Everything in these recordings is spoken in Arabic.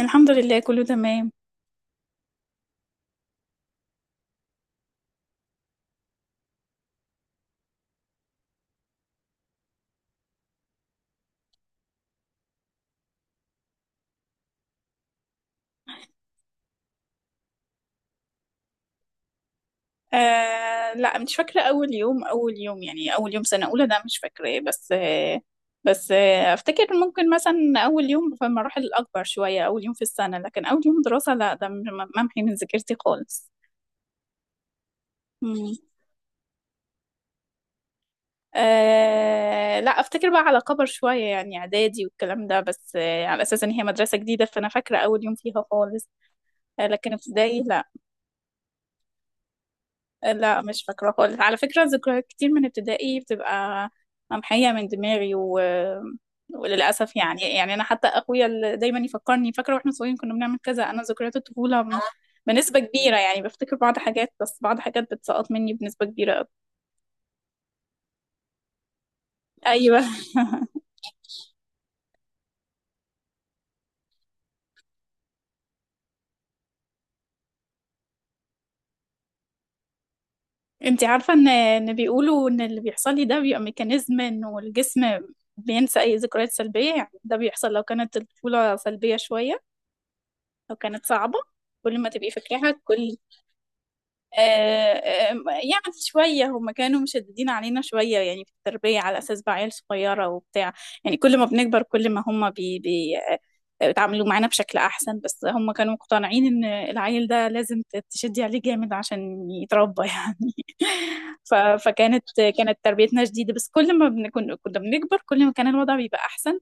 الحمد لله، كله تمام. لا، مش فاكرة. أول يوم، يعني أول يوم سنة أولى، ده مش فاكراه، بس أفتكر ممكن مثلا أول يوم في المراحل الأكبر شوية، أول يوم في السنة. لكن أول يوم دراسة لا، ده ممحي من ذاكرتي خالص. مم. لا، أفتكر بقى على كبر شوية، يعني إعدادي والكلام ده، بس على أساس إن هي مدرسة جديدة، فأنا فاكرة أول يوم فيها خالص. لكن ابتدائي لا. لا، مش فاكرة خالص. على فكرة، ذكريات كتير من ابتدائي بتبقى ممحية من دماغي وللأسف، يعني أنا حتى أخويا اللي دايما يفكرني فاكرة واحنا صغيرين كنا بنعمل كذا، أنا ذكريات الطفولة بنسبة كبيرة، يعني بفتكر بعض حاجات، بس بعض حاجات بتسقط مني بنسبة كبيرة أوي. أيوه. أنت عارفة إن بيقولوا إن اللي بيحصل لي ده بيبقى ميكانيزم إنه الجسم بينسى أي ذكريات سلبية. يعني ده بيحصل لو كانت الطفولة سلبية شوية، لو كانت صعبة، كل ما تبقي فاكراها كل آه، آم، يعني شوية، هم كانوا مشددين علينا شوية يعني في التربية، على أساس بقى عيال صغيرة وبتاع، يعني كل ما بنكبر كل ما هم بي بي آه، بيتعاملوا معانا بشكل أحسن. بس هم كانوا مقتنعين إن العيل ده لازم تشدي عليه جامد عشان يتربى يعني. ف- فكانت تربيتنا شديدة، بس كل ما كنا بنكبر كل ما كان الوضع بيبقى أحسن.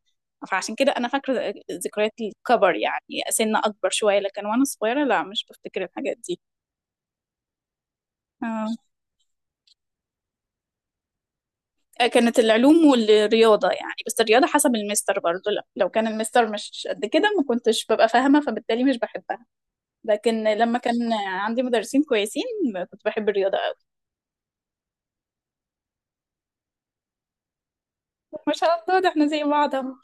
فعشان كده أنا فاكرة ذكريات الكبر، يعني سن أكبر شوية، لكن وأنا صغيرة لا، مش بفتكر الحاجات دي. آه. كانت العلوم والرياضة يعني، بس الرياضة حسب المستر برضو، لا، لو كان المستر مش قد كده ما كنتش ببقى فاهمة، فبالتالي مش بحبها، لكن لما كان عندي مدرسين كويسين كنت بحب الرياضة أوي. ما شاء الله، ده احنا زي بعض اهو.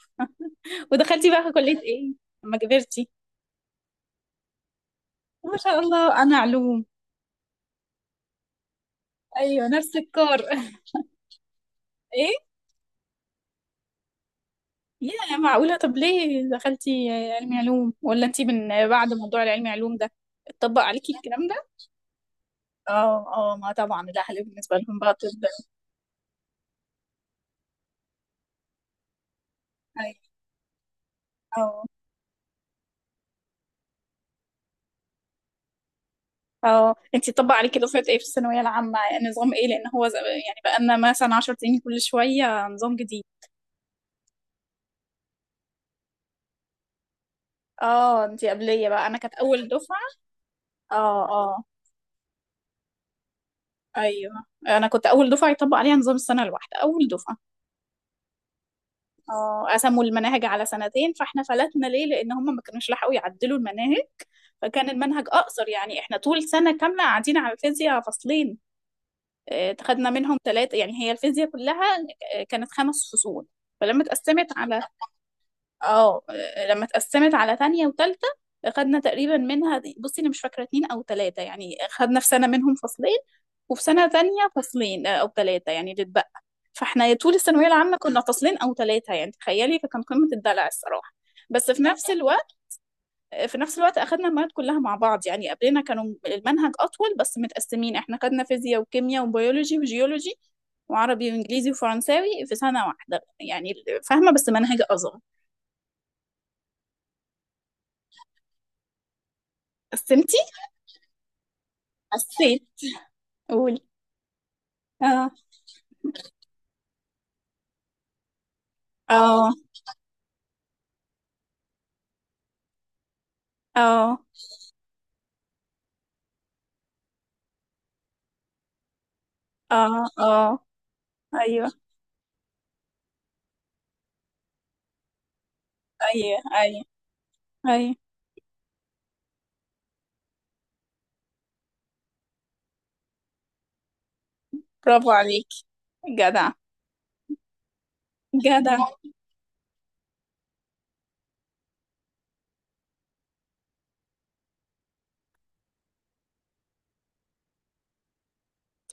ودخلتي بقى كلية ايه لما كبرتي؟ ما شاء الله، أنا علوم. أيوة، نفس الكار. ايه؟ يا معقولة، طب ليه دخلتي علمي علوم؟ ولا انتي من بعد موضوع العلمي علوم ده اتطبق عليكي الكلام ده؟ اه، اه، ما طبعا الأهل بالنسبة لهم بقى طب. أيوة. اه. اه، انتي طبق عليكي دفعة ايه في الثانوية العامة؟ يعني نظام ايه؟ لان هو يعني بقالنا مثلا 10 سنين كل شوية نظام جديد. اه، انتي قبلية بقى، انا كانت اول دفعة. اه، اه، ايوه، انا كنت اول دفعة يطبق عليها نظام السنة الواحدة، اول دفعة. اه، قسموا المناهج على سنتين، فاحنا فلتنا ليه؟ لان هم ما كانوش لحقوا يعدلوا المناهج، فكان المنهج اقصر. يعني احنا طول سنة كاملة قاعدين على الفيزياء فصلين. اه، خدنا منهم ثلاثة يعني، هي الفيزياء كلها اه، كانت خمس فصول. فلما اتقسمت على اه، لما اتقسمت على تانية وتالتة خدنا تقريبا منها، بصي انا مش فاكرة اتنين او تلاتة، يعني خدنا في سنة منهم فصلين، وفي سنة تانية فصلين آه، او تلاتة يعني اللي اتبقى. فاحنا يا طول الثانوية العامة كنا فصلين او تلاتة، يعني تخيلي، فكان قمة الدلع الصراحة. بس في نفس الوقت اخدنا المواد كلها مع بعض، يعني قبلنا كانوا المنهج اطول بس متقسمين. احنا خدنا فيزياء وكيمياء وبيولوجي وجيولوجي وعربي وانجليزي وفرنساوي في سنة واحدة يعني. فاهمة؟ بس منهج اصغر. قسمتي؟ حسيت. قولي. اه، اه، اه، اه، اه، ايوه، ايوه، ايوه، ايوه، برافو عليك. جدع. جدع.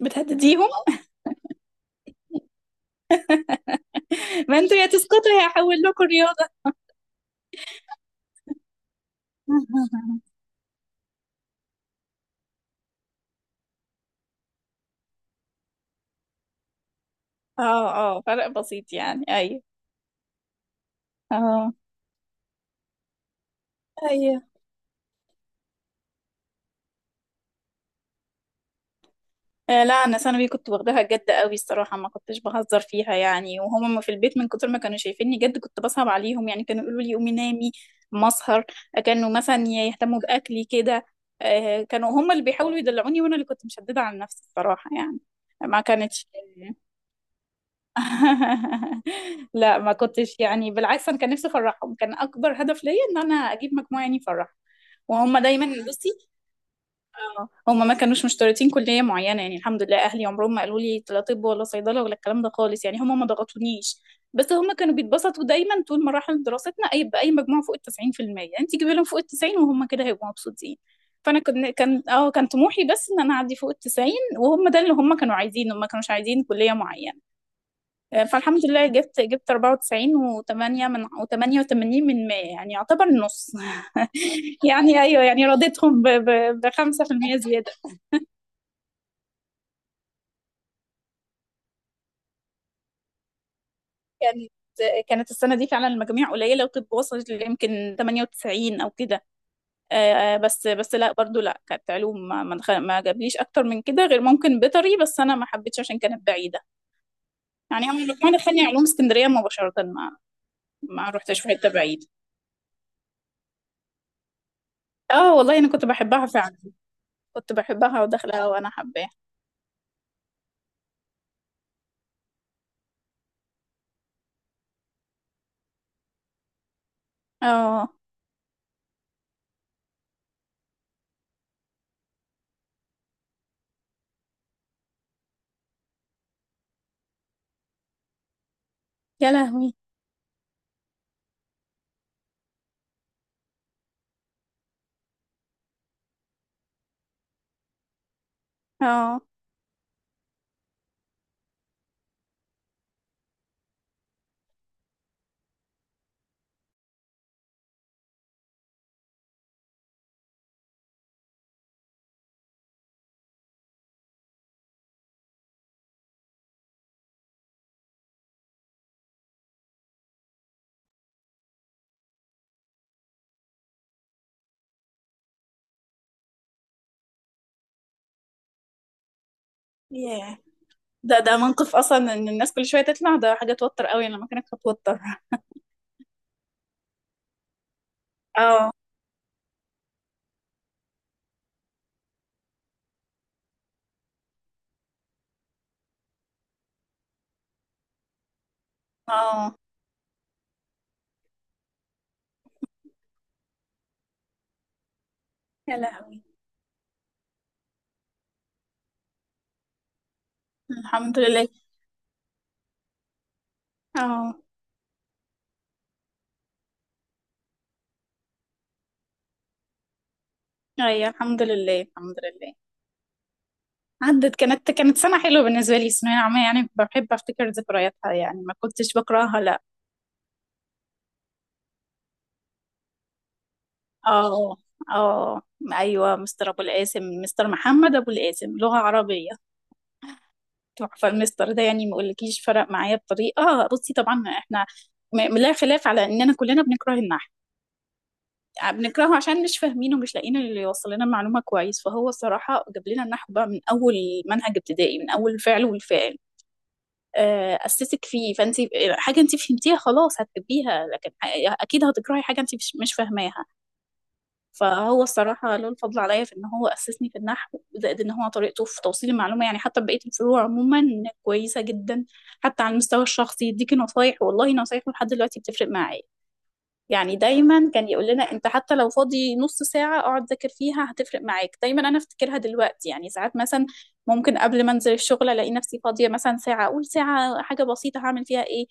بتهدديهم؟ ما انتوا يا تسقطوا يا هحول لكم رياضة. اه، اه، فرق بسيط يعني، ايوه. اه، ايوه. آه، لا، انا ثانوي كنت واخداها جد قوي الصراحه، ما كنتش بهزر فيها يعني. وهم في البيت من كتر ما كانوا شايفيني جد كنت بصعب عليهم، يعني كانوا يقولوا لي قومي نامي مسهر. كانوا مثلا يهتموا باكلي كده. آه، كانوا هم اللي بيحاولوا يدلعوني، وانا اللي كنت مشدده على نفسي الصراحه يعني. ما كانتش لا، ما كنتش، يعني بالعكس، انا كان نفسي افرحهم، كان اكبر هدف ليا ان انا اجيب مجموعه يعني افرحهم. وهم دايما بصي، اه، هما ما كانوش مشترطين كلية معينة، يعني الحمد لله أهلي عمرهم ما قالوا لي لا طب ولا صيدلة ولا الكلام ده خالص، يعني هما ما ضغطونيش. بس هما كانوا بيتبسطوا دايما طول مراحل دراستنا، أي بأي مجموع فوق التسعين في المية، أنت جيبي لهم فوق التسعين وهم كده هيبقوا مبسوطين. فأنا كان طموحي بس إن أنا أعدي فوق التسعين، وهم ده اللي هم كانوا عايزينه، ما كانوش عايزين كلية معينة. آه، فالحمد لله جبت 94 و8 من و88 من 100، يعني يعتبر النص. يعني أيوه، يعني رضيتهم ب 5%. كانت كانت السنة دي فعلا المجاميع قليلة، وطب وصلت يمكن 98 أو كده. آه، بس لا برضو لا، كانت علوم، ما ما, دخل ما جابليش أكتر من كده غير ممكن بيطري، بس أنا ما حبيتش عشان كانت بعيدة. يعني هم الرقم دخلني علوم اسكندرية مباشرة، ما رحتش في حتة بعيدة. اه، والله أنا كنت بحبها فعلا. كنت بحبها وداخلها وأنا حباها. اه. يا لهوي. اه. ياه. ده موقف أصلا، إن الناس كل شوية تطلع، ده حاجة توتر قوي. أنا لما كانت بتوتر اه، اه، يا لهوي. الحمد لله. اه، ايوه، الحمد لله، الحمد لله. عدت. كانت سنة حلوة بالنسبة لي الثانوية العامة، يعني بحب افتكر ذكرياتها، يعني ما كنتش بكرهها لا. اه، اه، ايوه، مستر ابو القاسم، مستر محمد ابو القاسم، لغة عربية. تحفة المستر ده، يعني ما اقولكيش فرق معايا بطريقة. بصي طبعا احنا لا خلاف على اننا كلنا بنكره النحو، آه، بنكرهه عشان مش فاهمينه، ومش لاقيين اللي يوصل لنا المعلومه كويس. فهو الصراحه جاب لنا النحو بقى من اول منهج ابتدائي، من اول الفعل والفاعل. آه، اسسك فيه، فانت حاجه انت فهمتيها خلاص هتحبيها، لكن اكيد هتكرهي حاجه انت مش فاهماها. فهو الصراحه له الفضل عليا في ان هو اسسني في النحو، زائد ان هو طريقته في توصيل المعلومه، يعني حتى بقيه الفروع عموما كويسه جدا. حتى على المستوى الشخصي يديكي نصايح، والله نصايحه لحد دلوقتي بتفرق معايا. يعني دايما كان يقول لنا انت حتى لو فاضي نص ساعة اقعد ذاكر فيها هتفرق معاك. دايما انا افتكرها دلوقتي، يعني ساعات مثلا ممكن قبل ما انزل الشغل الاقي نفسي فاضية مثلا ساعة، اقول ساعة حاجة بسيطة هعمل فيها ايه،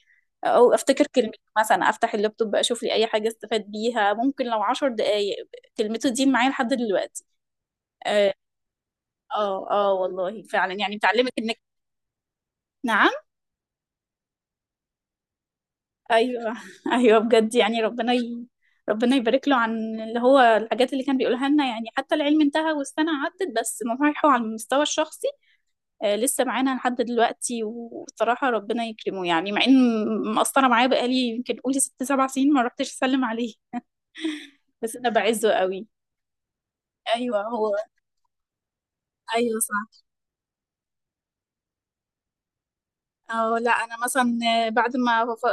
او افتكر كلمة مثلا، افتح اللابتوب اشوف لي اي حاجة استفاد بيها ممكن، لو عشر دقايق. كلمته دي معايا لحد دلوقتي. اه، اه، آه، والله فعلا، يعني بتعلمك انك. نعم؟ ايوه. ايوه بجد، يعني ربنا ربنا يبارك له عن اللي هو الحاجات اللي كان بيقولها لنا، يعني حتى العلم انتهى والسنه عدت، بس نصايحه على المستوى الشخصي آه لسه معانا لحد دلوقتي. وصراحه ربنا يكرمه، يعني مع ان مقصره معاه بقالي يمكن قولي ست سبع سنين ما رحتش اسلم عليه، بس انا بعزه قوي. ايوه هو. ايوه صح. أو لا، أنا مثلا بعد ما ف-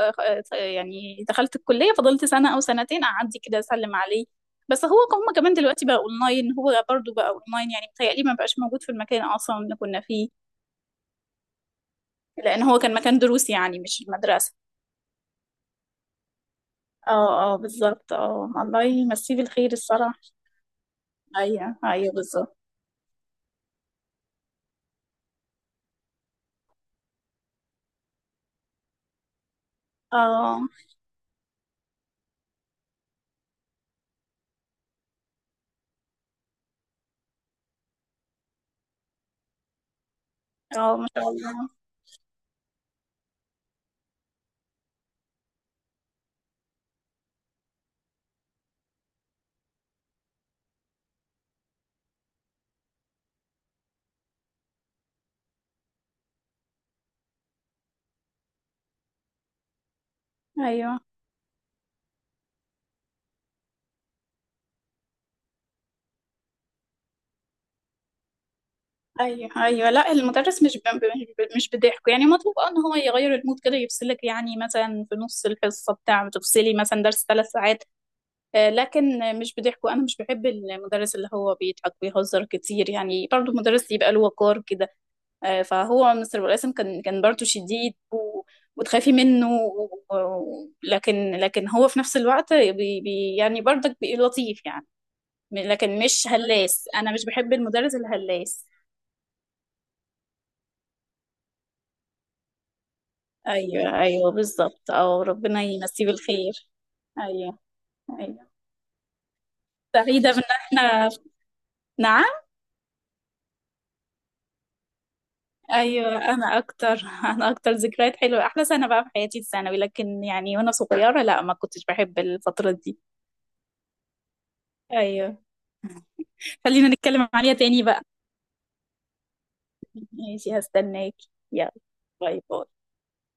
ف- يعني دخلت الكلية فضلت سنة أو سنتين أعدي كده أسلم عليه. بس هو هم كمان دلوقتي بقى أونلاين، هو برضو بقى أونلاين، يعني متهيألي ما بقاش موجود في المكان أصلا اللي كنا فيه. لأن هو كان مكان دروس، يعني مش المدرسة. اه، اه، بالظبط، اه الله يمسيه بالخير الصراحة. أيوه أيوه بالظبط. اه، اه، ما شاء الله. أيوه. ايوه، ايوه، لا، المدرس مش بضحكه يعني مطلوب، اه، ان هو يغير المود كده يفصلك، يعني مثلا في نص الحصه بتاع، بتفصلي مثلا درس ثلاث ساعات آه، لكن مش بضحكه. انا مش بحب المدرس اللي هو بيضحك ويهزر كتير، يعني برضه مدرس يبقى له وقار كده. آه، فهو مستر القاسم كان برضه شديد وتخافي منه لكن هو في نفس الوقت يعني برضك لطيف يعني. لكن مش هلاس، انا مش بحب المدرس الهلاس. ايوه، ايوه، بالظبط، او ربنا يمسيه بالخير. ايوه. ايوه. سعيده بان احنا. نعم؟ ايوه، انا اكتر. انا اكتر ذكريات حلوه، احلى سنه بقى في حياتي الثانوي، لكن يعني وانا صغيره لا، ما كنتش بحب الفتره دي. ايوه. خلينا نتكلم عليها تاني بقى. ماشي، هستناك. يلا. باي باي.